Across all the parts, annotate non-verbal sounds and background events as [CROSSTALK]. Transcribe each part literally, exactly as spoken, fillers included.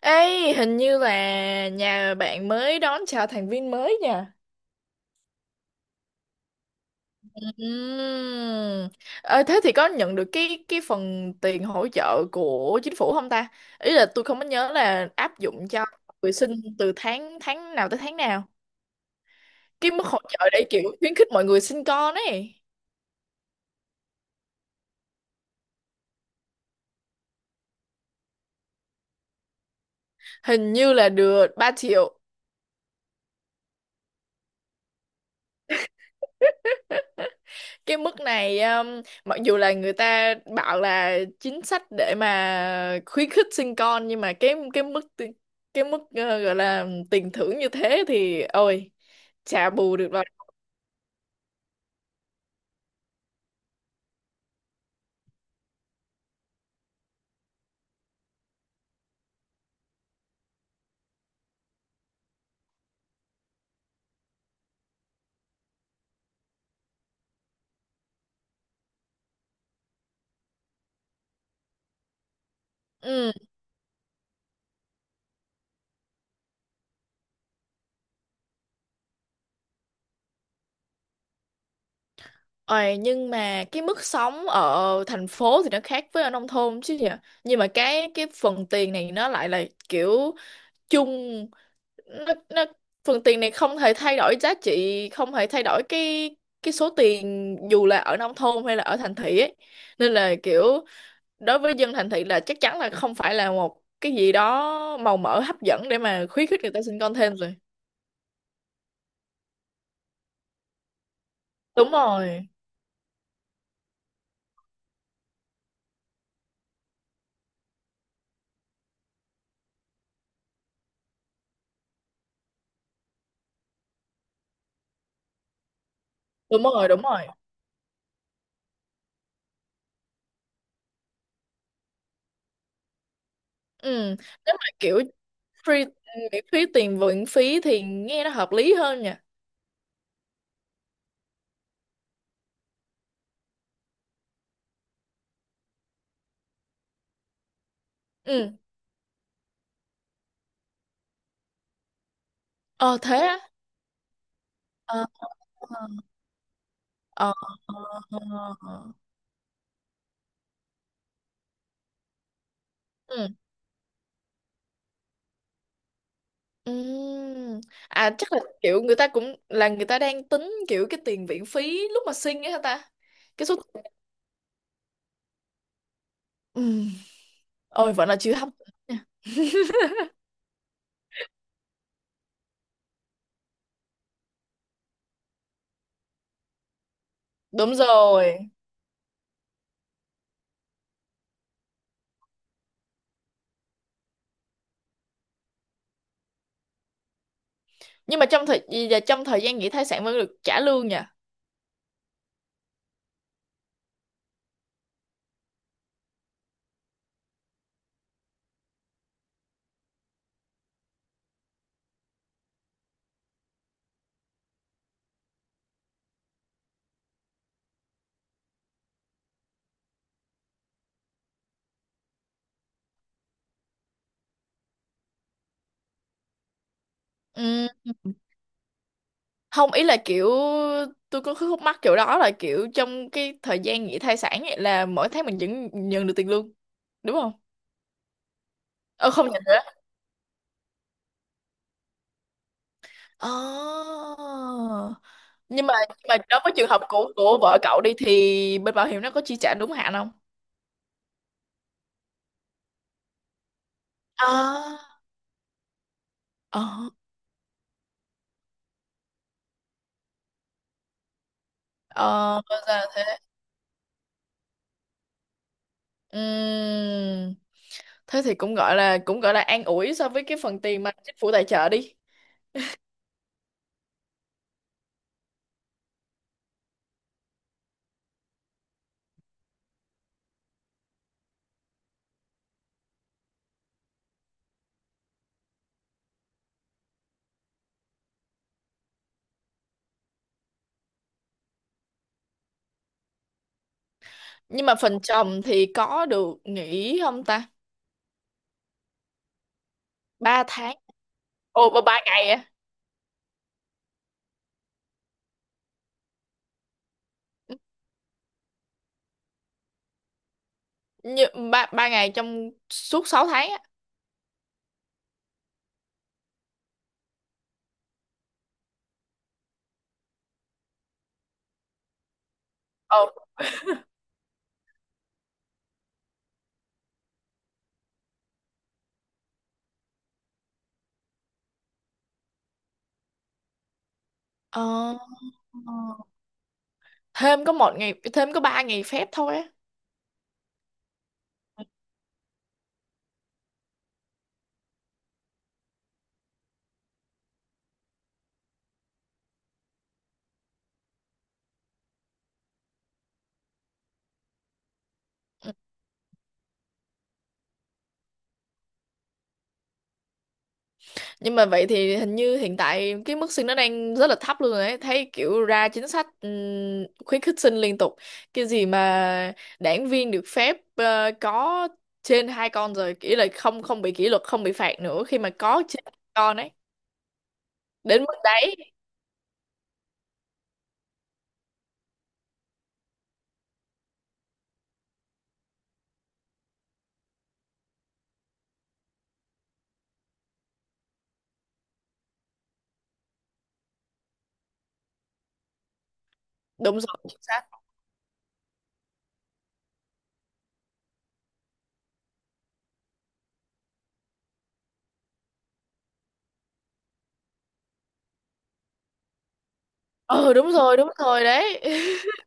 Ê, hình như là nhà bạn mới đón chào thành viên mới nha. Ừm. Ờ, thế thì có nhận được cái cái phần tiền hỗ trợ của chính phủ không ta? Ý là tôi không có nhớ là áp dụng cho người sinh từ tháng tháng nào tới tháng nào. Cái mức hỗ trợ để kiểu khuyến khích mọi người sinh con ấy. Hình như là được ba triệu. cái mức này um, mặc dù là người ta bảo là chính sách để mà khuyến khích sinh con nhưng mà cái cái mức ti- cái mức ờ, gọi là tiền thưởng như thế thì ôi chả bù được rồi. Ừ. Ôi, nhưng mà cái mức sống ở thành phố thì nó khác với ở nông thôn chứ nhỉ. Nhưng mà cái cái phần tiền này nó lại là kiểu chung. Nó, nó phần tiền này không thể thay đổi giá trị, không thể thay đổi cái cái số tiền dù là ở nông thôn hay là ở thành thị ấy. Nên là kiểu đối với dân thành thị là chắc chắn là không phải là một cái gì đó màu mỡ hấp dẫn để mà khuyến khích người ta sinh con thêm rồi. Đúng rồi, đúng rồi, đúng rồi. Ừ. Nếu mà kiểu free miễn phí tiền viện phí thì nghe nó hợp lý hơn nha. Ừ. Ờ, thế á? Ờ. Ờ. Ờ. Ờ, ờ. Ờ. Ừ. Ừm. À, chắc là kiểu người ta cũng là người ta đang tính kiểu cái tiền viện phí lúc mà sinh ấy hả ta? Cái số tiền. Ừm. Ôi vẫn là chưa hấp dẫn nha. Đúng rồi. Nhưng mà trong thời và trong thời gian nghỉ thai sản vẫn được trả lương nha. Ừm. Không, ý là kiểu tôi có khúc mắc kiểu đó là kiểu trong cái thời gian nghỉ thai sản ấy là mỗi tháng mình vẫn nhận được tiền lương, đúng không? Ờ, không nhận nữa. À. nhưng mà nhưng mà đối với trường hợp của của vợ cậu đi thì bên bảo hiểm nó có chi trả đúng hạn không? À. Ờ. Ờ ra là thế. Ừm, thế thì cũng gọi là cũng gọi là an ủi so với cái phần tiền mà chính phủ tài trợ đi. Nhưng mà phần chồng thì có được nghỉ không ta? Ba tháng. Ồ, ba ba ngày á? Như ba ba ngày trong suốt sáu tháng á? Ồ. Ờ, thêm có một ngày, thêm có ba ngày phép thôi á? Ừ. Nhưng mà vậy thì hình như hiện tại cái mức sinh nó đang rất là thấp luôn rồi ấy. Thấy kiểu ra chính sách ừm, khuyến khích sinh liên tục. Cái gì mà đảng viên được phép ờ, có trên hai con rồi, kỷ là không không bị kỷ luật, không bị phạt nữa khi mà có trên hai con ấy. Đến mức đấy. Đúng rồi, chính xác. Ừ, đúng rồi, đúng rồi đấy. [LAUGHS]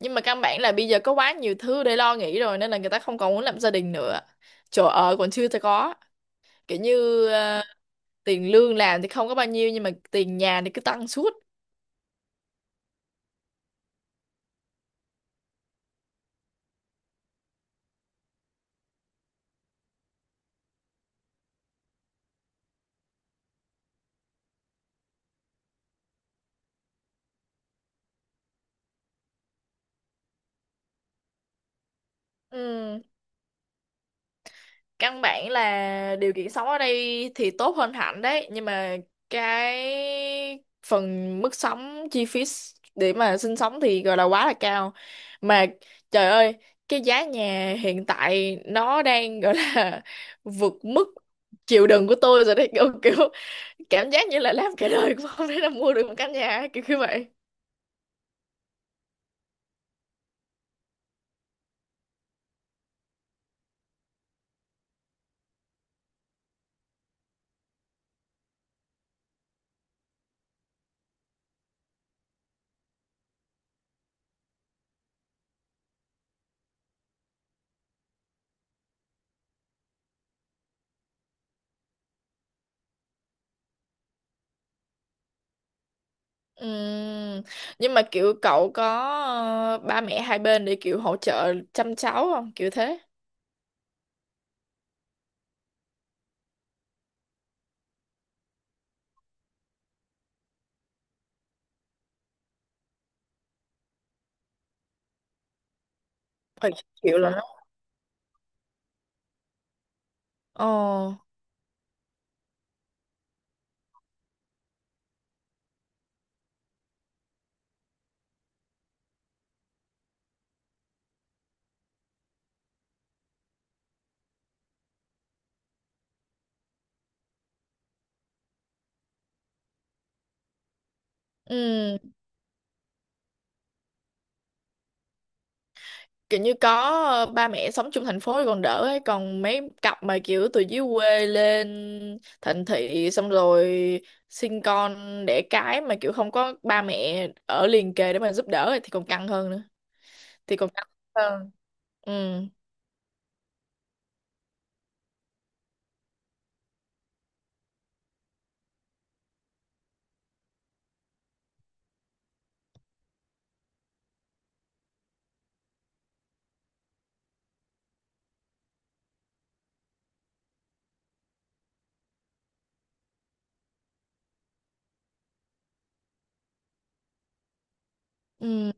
Nhưng mà căn bản là bây giờ có quá nhiều thứ để lo nghĩ rồi nên là người ta không còn muốn làm gia đình nữa. Chỗ ở còn chưa có. Kiểu như ờ, tiền lương làm thì không có bao nhiêu nhưng mà tiền nhà thì cứ tăng suốt. Ừ, căn bản là điều kiện sống ở đây thì tốt hơn hẳn đấy nhưng mà cái phần mức sống chi phí s- để mà sinh sống thì gọi là quá là cao. Mà trời ơi, cái giá nhà hiện tại nó đang gọi là [LAUGHS] vượt mức chịu đựng của tôi rồi đấy, kiểu, kiểu cảm giác như là làm cả đời cũng không thể là mua được một căn nhà kiểu như vậy. Ừm. Nhưng mà kiểu cậu có ờ, ba mẹ hai bên để kiểu hỗ trợ chăm cháu không? Kiểu thế. Ừ, kiểu là nó. Ồ. Ừ. Kiểu như có ờ, ba mẹ sống chung thành phố thì còn đỡ ấy. Còn mấy cặp mà kiểu từ dưới quê lên thành thị xong rồi sinh con đẻ cái mà kiểu không có ba mẹ ở liền kề để mà giúp đỡ ấy, thì còn căng hơn nữa. Thì còn căng hơn. Ừ. Ừ.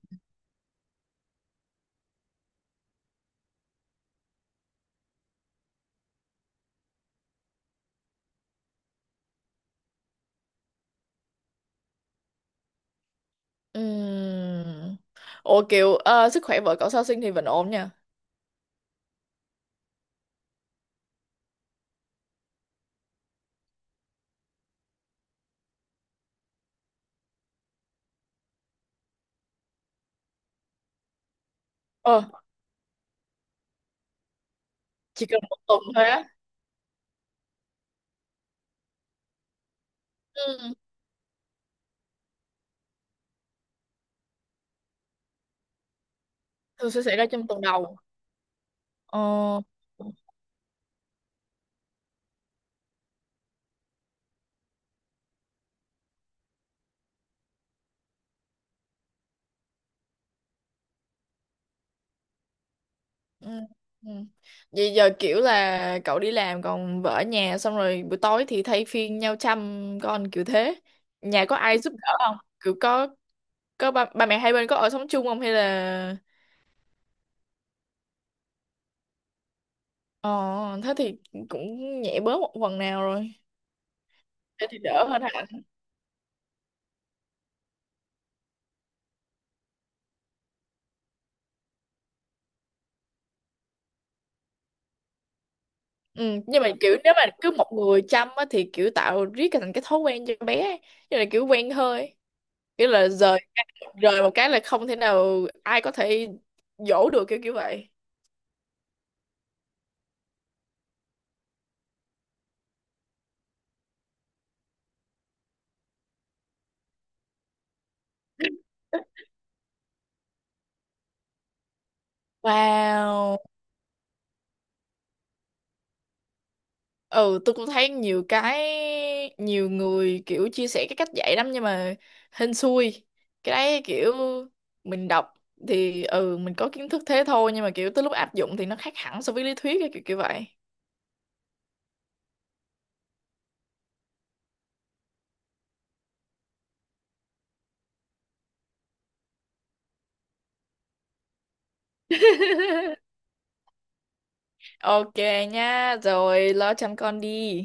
Ừm. Ủa kiểu ờ, sức khỏe vợ cậu sau sinh thì vẫn ổn nha. Ờ, chỉ cần một tuần thôi á? Ừ, thường sẽ xảy ra trong tuần đầu. Ờ. Ừ. Ừ. Vậy giờ kiểu là cậu đi làm còn vợ ở nhà xong rồi buổi tối thì thay phiên nhau chăm con kiểu thế. Nhà có ai giúp đỡ không? Kiểu có có ba, ba mẹ hai bên có ở sống chung không hay là? Ờ, thế thì cũng nhẹ bớt một phần nào rồi. Thế thì đỡ hơn ha. Ừ, nhưng mà kiểu nếu mà cứ một người chăm á, thì kiểu tạo riết cái- thành cái thói quen cho bé ấy. Như là kiểu quen hơi kiểu là rời rời một cái là không thể nào ai có thể dỗ được kiểu kiểu vậy. Wow. Ừ, tôi cũng thấy nhiều cái nhiều người kiểu chia sẻ cái cách dạy lắm nhưng mà hên xui. Cái đấy kiểu mình đọc thì ừ mình có kiến thức thế thôi nhưng mà kiểu tới lúc áp dụng thì nó khác hẳn so với lý thuyết ấy, kiểu kiểu vậy. Ok nha, rồi lo chăm con đi.